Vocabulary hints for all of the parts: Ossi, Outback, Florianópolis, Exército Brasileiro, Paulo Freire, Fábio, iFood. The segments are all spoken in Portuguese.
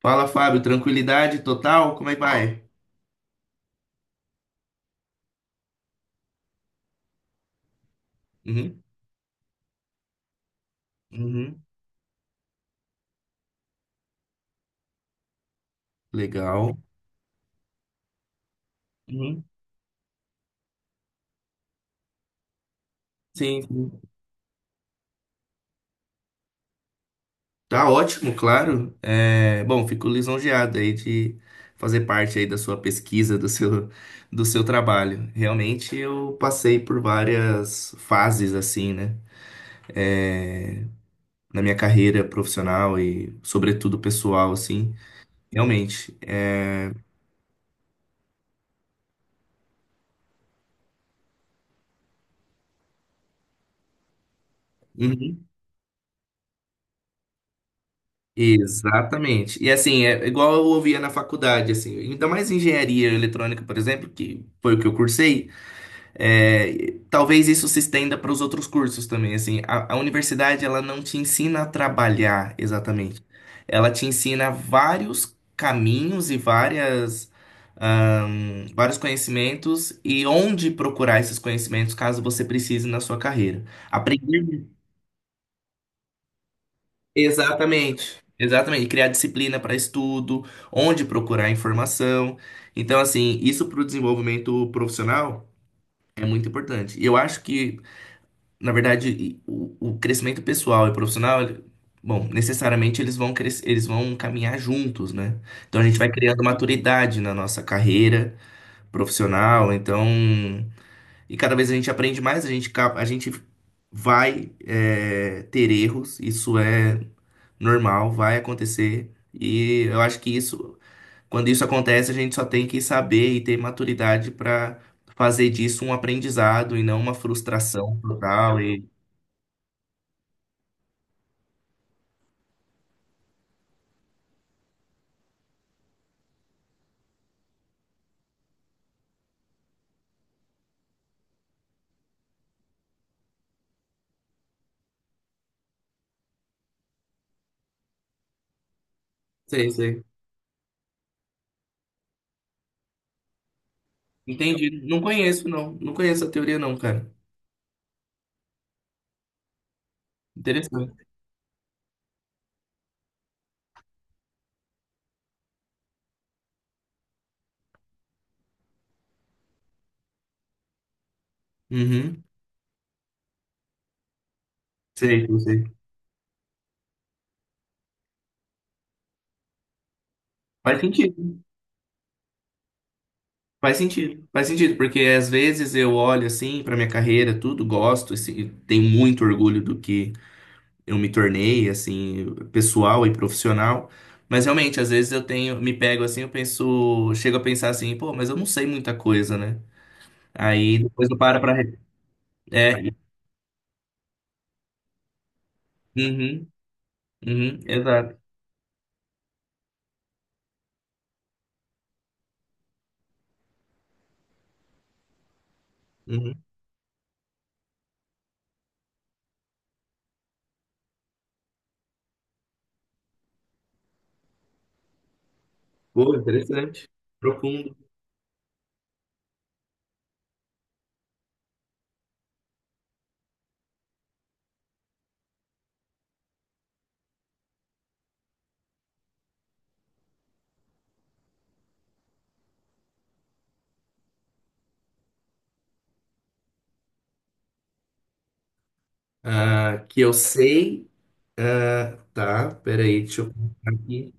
Fala, Fábio, tranquilidade total? Como é que vai? Uhum, uhum, legal. Uhum, sim, sim. Tá ótimo, claro. Bom, fico lisonjeado aí de fazer parte aí da sua pesquisa, do seu trabalho. Realmente eu passei por várias fases assim, né? É, Na minha carreira profissional e sobretudo pessoal, assim. Realmente. Uhum. Exatamente. E assim, é igual eu ouvia na faculdade, assim, ainda mais engenharia eletrônica, por exemplo, que foi o que eu cursei. Talvez isso se estenda para os outros cursos também, assim, a universidade, ela não te ensina a trabalhar exatamente, ela te ensina vários caminhos e vários conhecimentos e onde procurar esses conhecimentos caso você precise na sua carreira. Aprender Exatamente, exatamente. Criar disciplina para estudo, onde procurar informação. Então, assim, isso para o desenvolvimento profissional é muito importante. E eu acho que, na verdade, o crescimento pessoal e profissional, bom, necessariamente eles vão crescer, eles vão caminhar juntos, né? Então, a gente vai criando maturidade na nossa carreira profissional. Então. E cada vez a gente aprende mais, a gente vai ter erros, isso é normal, vai acontecer. E eu acho que isso, quando isso acontece, a gente só tem que saber e ter maturidade para fazer disso um aprendizado e não uma frustração total. E. Sei, sei. Entendi. Não conheço, não. Não conheço a teoria, não, cara. Interessante. Uhum. Sei, sei. Faz sentido. Faz sentido, faz sentido, porque às vezes eu olho assim pra minha carreira, tudo, gosto, assim, tenho muito orgulho do que eu me tornei, assim, pessoal e profissional, mas realmente, às vezes eu tenho, me pego assim, eu penso, chego a pensar assim, pô, mas eu não sei muita coisa, né? Aí depois eu paro pra é, uhum, uhum, exato. Uhum. Pô, interessante, profundo. Ah, que eu sei. Ah, tá, peraí, deixa eu colocar aqui.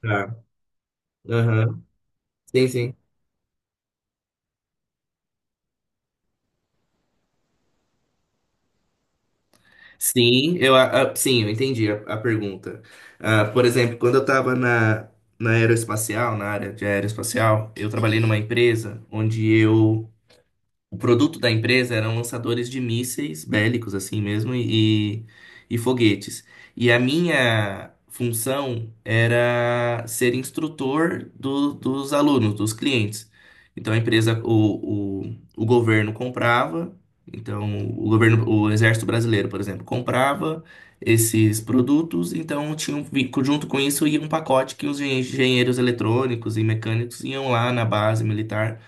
Tá, aham. Sim, sim. Sim, eu, sim, eu entendi a pergunta. Ah, por exemplo, quando eu estava na aeroespacial, na área de aeroespacial, eu trabalhei numa empresa onde eu o produto da empresa eram lançadores de mísseis bélicos, assim mesmo, e foguetes. E a minha função era ser instrutor dos alunos, dos clientes. Então a empresa, o governo comprava, então o governo, o Exército Brasileiro, por exemplo, comprava esses produtos, então tinha junto com isso ia um pacote que os engenheiros eletrônicos e mecânicos iam lá na base militar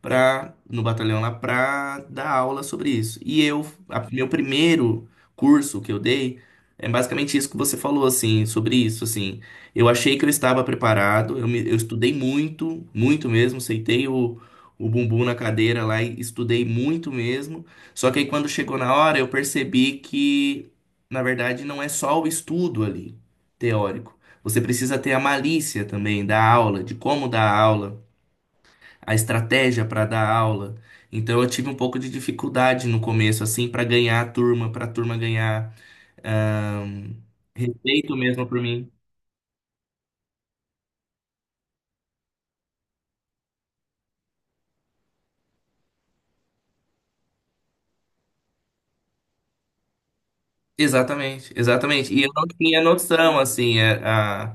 pra, no batalhão lá pra dar aula sobre isso. E eu, meu primeiro curso que eu dei é basicamente isso que você falou, assim, sobre isso, assim. Eu achei que eu estava preparado, eu estudei muito, muito mesmo, sentei o bumbum na cadeira lá e estudei muito mesmo. Só que aí quando chegou na hora, eu percebi que, na verdade, não é só o estudo ali, teórico. Você precisa ter a malícia também da aula, de como dar aula, a estratégia para dar aula. Então eu tive um pouco de dificuldade no começo, assim, para ganhar a turma, para a turma ganhar ahn, respeito mesmo por mim. Exatamente, exatamente. E eu não tinha noção, assim,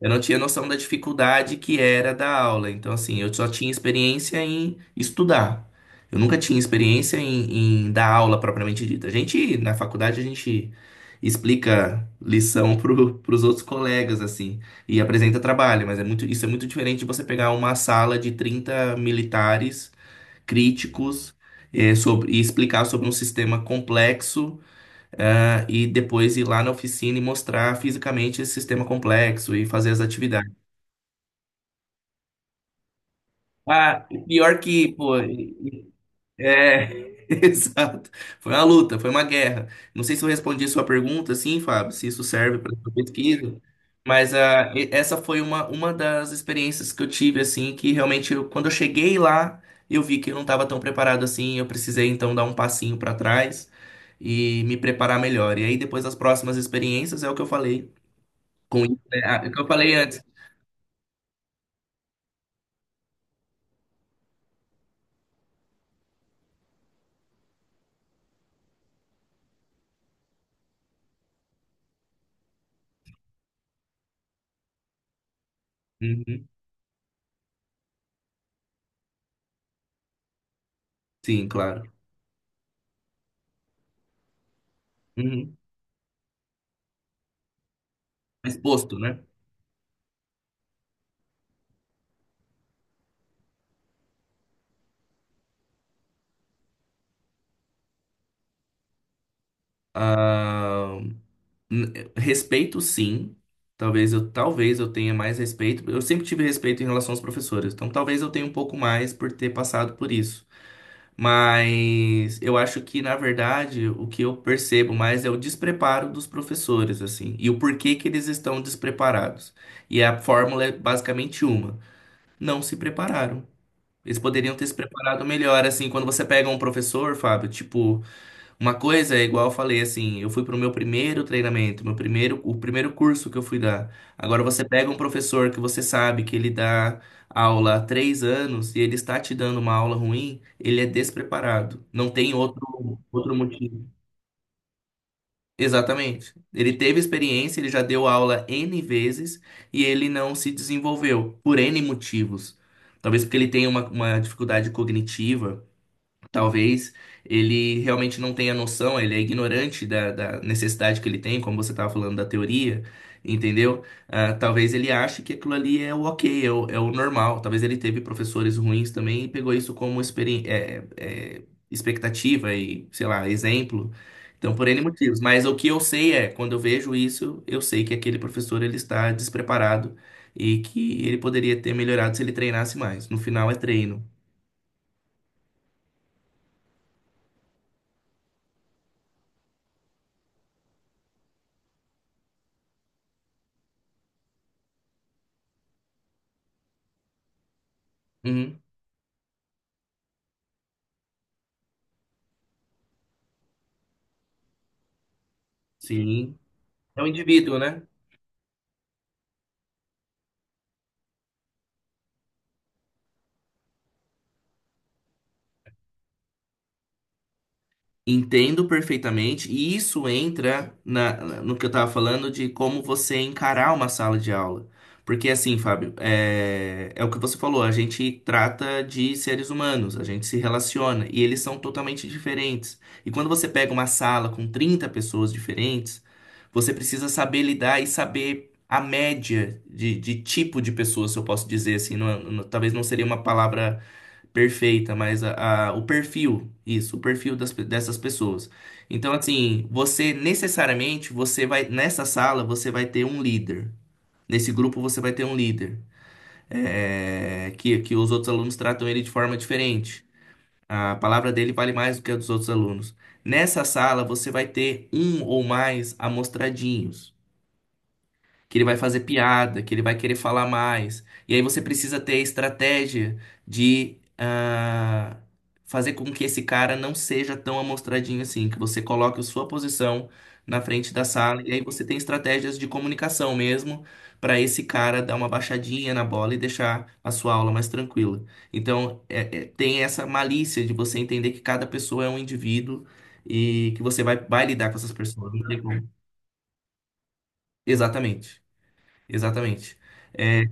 eu não tinha noção da dificuldade que era da aula. Então, assim, eu só tinha experiência em estudar. Eu nunca tinha experiência em dar aula propriamente dita. A gente, na faculdade, a gente explica lição para os outros colegas, assim, e apresenta trabalho, mas é muito, isso é muito diferente de você pegar uma sala de 30 militares críticos. E explicar sobre um sistema complexo, e depois ir lá na oficina e mostrar fisicamente esse sistema complexo e fazer as atividades. Ah, e pior que, pô, é, exato. Foi uma luta, foi uma guerra. Não sei se eu respondi a sua pergunta, sim, Fábio, se isso serve para sua pesquisa, mas essa foi uma das experiências que eu tive, assim, que realmente, quando eu cheguei lá, eu vi que eu não estava tão preparado assim, eu precisei, então, dar um passinho para trás e me preparar melhor. E aí, depois das próximas experiências, é o que eu falei com isso, né? Ah, é o que eu falei antes. Uhum. Sim, claro. Uhum. Exposto, né? Ah, Respeito, sim. Talvez eu tenha mais respeito. Eu sempre tive respeito em relação aos professores, então talvez eu tenha um pouco mais por ter passado por isso. Mas eu acho que, na verdade, o que eu percebo mais é o despreparo dos professores, assim, e o porquê que eles estão despreparados. E a fórmula é basicamente uma: não se prepararam. Eles poderiam ter se preparado melhor, assim, quando você pega um professor, Fábio, tipo. Uma coisa é igual eu falei assim, eu fui pro meu primeiro treinamento, o primeiro curso que eu fui dar. Agora você pega um professor que você sabe que ele dá aula há 3 anos e ele está te dando uma aula ruim, ele é despreparado. Não tem outro motivo. Exatamente. Ele teve experiência, ele já deu aula N vezes e ele não se desenvolveu por N motivos. Talvez porque ele tenha uma dificuldade cognitiva. Talvez ele realmente não tenha noção, ele é ignorante da necessidade que ele tem, como você estava falando da teoria, entendeu? Ah, talvez ele ache que aquilo ali é o ok, é o normal. Talvez ele teve professores ruins também e pegou isso como expectativa e, sei lá, exemplo. Então, por N motivos. Mas o que eu sei é, quando eu vejo isso, eu sei que aquele professor ele está despreparado e que ele poderia ter melhorado se ele treinasse mais. No final é treino. Uhum. Sim. É um indivíduo, né? Entendo perfeitamente, e isso entra no que eu estava falando de como você encarar uma sala de aula. Porque assim, Fábio, é o que você falou, a gente trata de seres humanos, a gente se relaciona, e eles são totalmente diferentes. E quando você pega uma sala com 30 pessoas diferentes, você precisa saber lidar e saber a média de tipo de pessoa, se eu posso dizer assim, talvez não seria uma palavra perfeita, mas o perfil, isso, o perfil dessas pessoas. Então, assim, você necessariamente, você vai, nessa sala, você vai ter um líder. Nesse grupo, você vai ter um líder. É que os outros alunos tratam ele de forma diferente. A palavra dele vale mais do que a dos outros alunos. Nessa sala, você vai ter um ou mais amostradinhos que ele vai fazer piada, que ele vai querer falar mais. E aí você precisa ter a estratégia de fazer com que esse cara não seja tão amostradinho assim, que você coloque a sua posição na frente da sala, e aí você tem estratégias de comunicação mesmo para esse cara dar uma baixadinha na bola e deixar a sua aula mais tranquila. Então, tem essa malícia de você entender que cada pessoa é um indivíduo e que você vai lidar com essas pessoas. Não tem como. Exatamente, exatamente. É,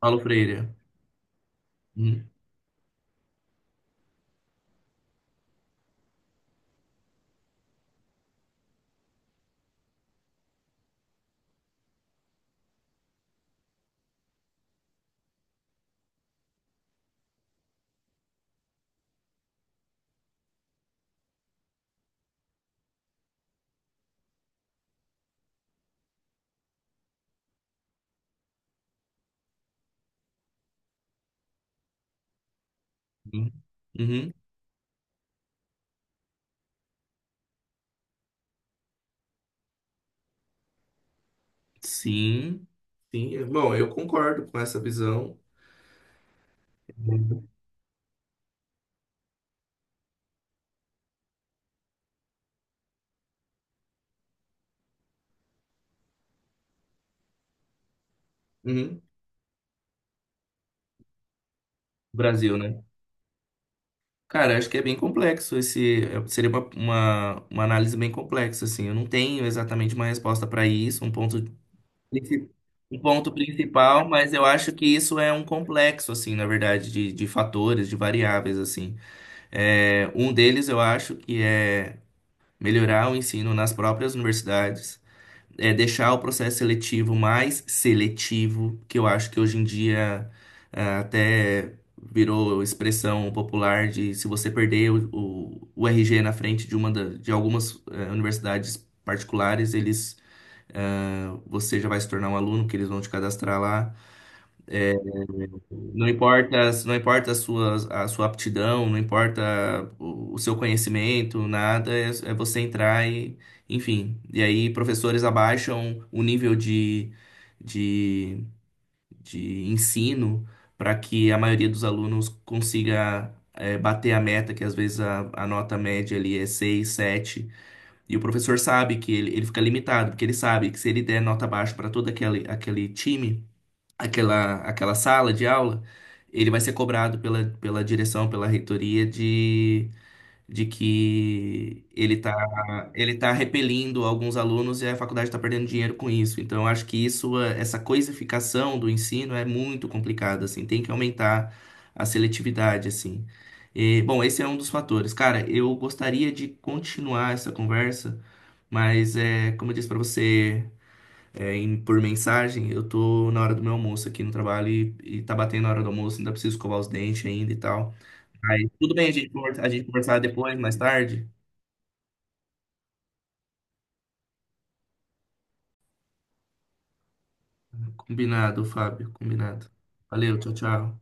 Paulo Freire. Uhum. Uhum. Sim, sim. Bom, eu concordo com essa visão. Uhum. Uhum. Brasil, né? Cara, acho que é bem complexo esse. Seria uma análise bem complexa, assim. Eu não tenho exatamente uma resposta para isso, princi- um ponto principal, mas eu acho que isso é um complexo, assim, na verdade, de fatores, de variáveis, assim. Um deles eu acho que é melhorar o ensino nas próprias universidades, deixar o processo seletivo mais seletivo, que eu acho que hoje em dia até virou expressão popular de se você perder o RG na frente de de algumas universidades particulares, eles você já vai se tornar um aluno, que eles vão te cadastrar lá. Não importa, não importa a sua aptidão, não importa o seu conhecimento, nada, é você entrar e, enfim. E aí, professores abaixam o nível de, de ensino para que a maioria dos alunos consiga, bater a meta, que às vezes a nota média ali é 6, 7. E o professor sabe que ele fica limitado, porque ele sabe que se ele der nota baixa para todo aquele time, aquela sala de aula, ele vai ser cobrado pela direção, pela reitoria de que ele tá repelindo alguns alunos e a faculdade está perdendo dinheiro com isso. Então, eu acho que isso, essa coisificação do ensino é muito complicada, assim, tem que aumentar a seletividade, assim. E, bom, esse é um dos fatores. Cara, eu gostaria de continuar essa conversa, mas como eu disse para você por mensagem, eu tô na hora do meu almoço aqui no trabalho e tá batendo a hora do almoço, ainda preciso escovar os dentes ainda e tal. Aí, tudo bem a gente, a gente conversar depois, mais tarde? Combinado, Fábio, combinado. Valeu, tchau, tchau.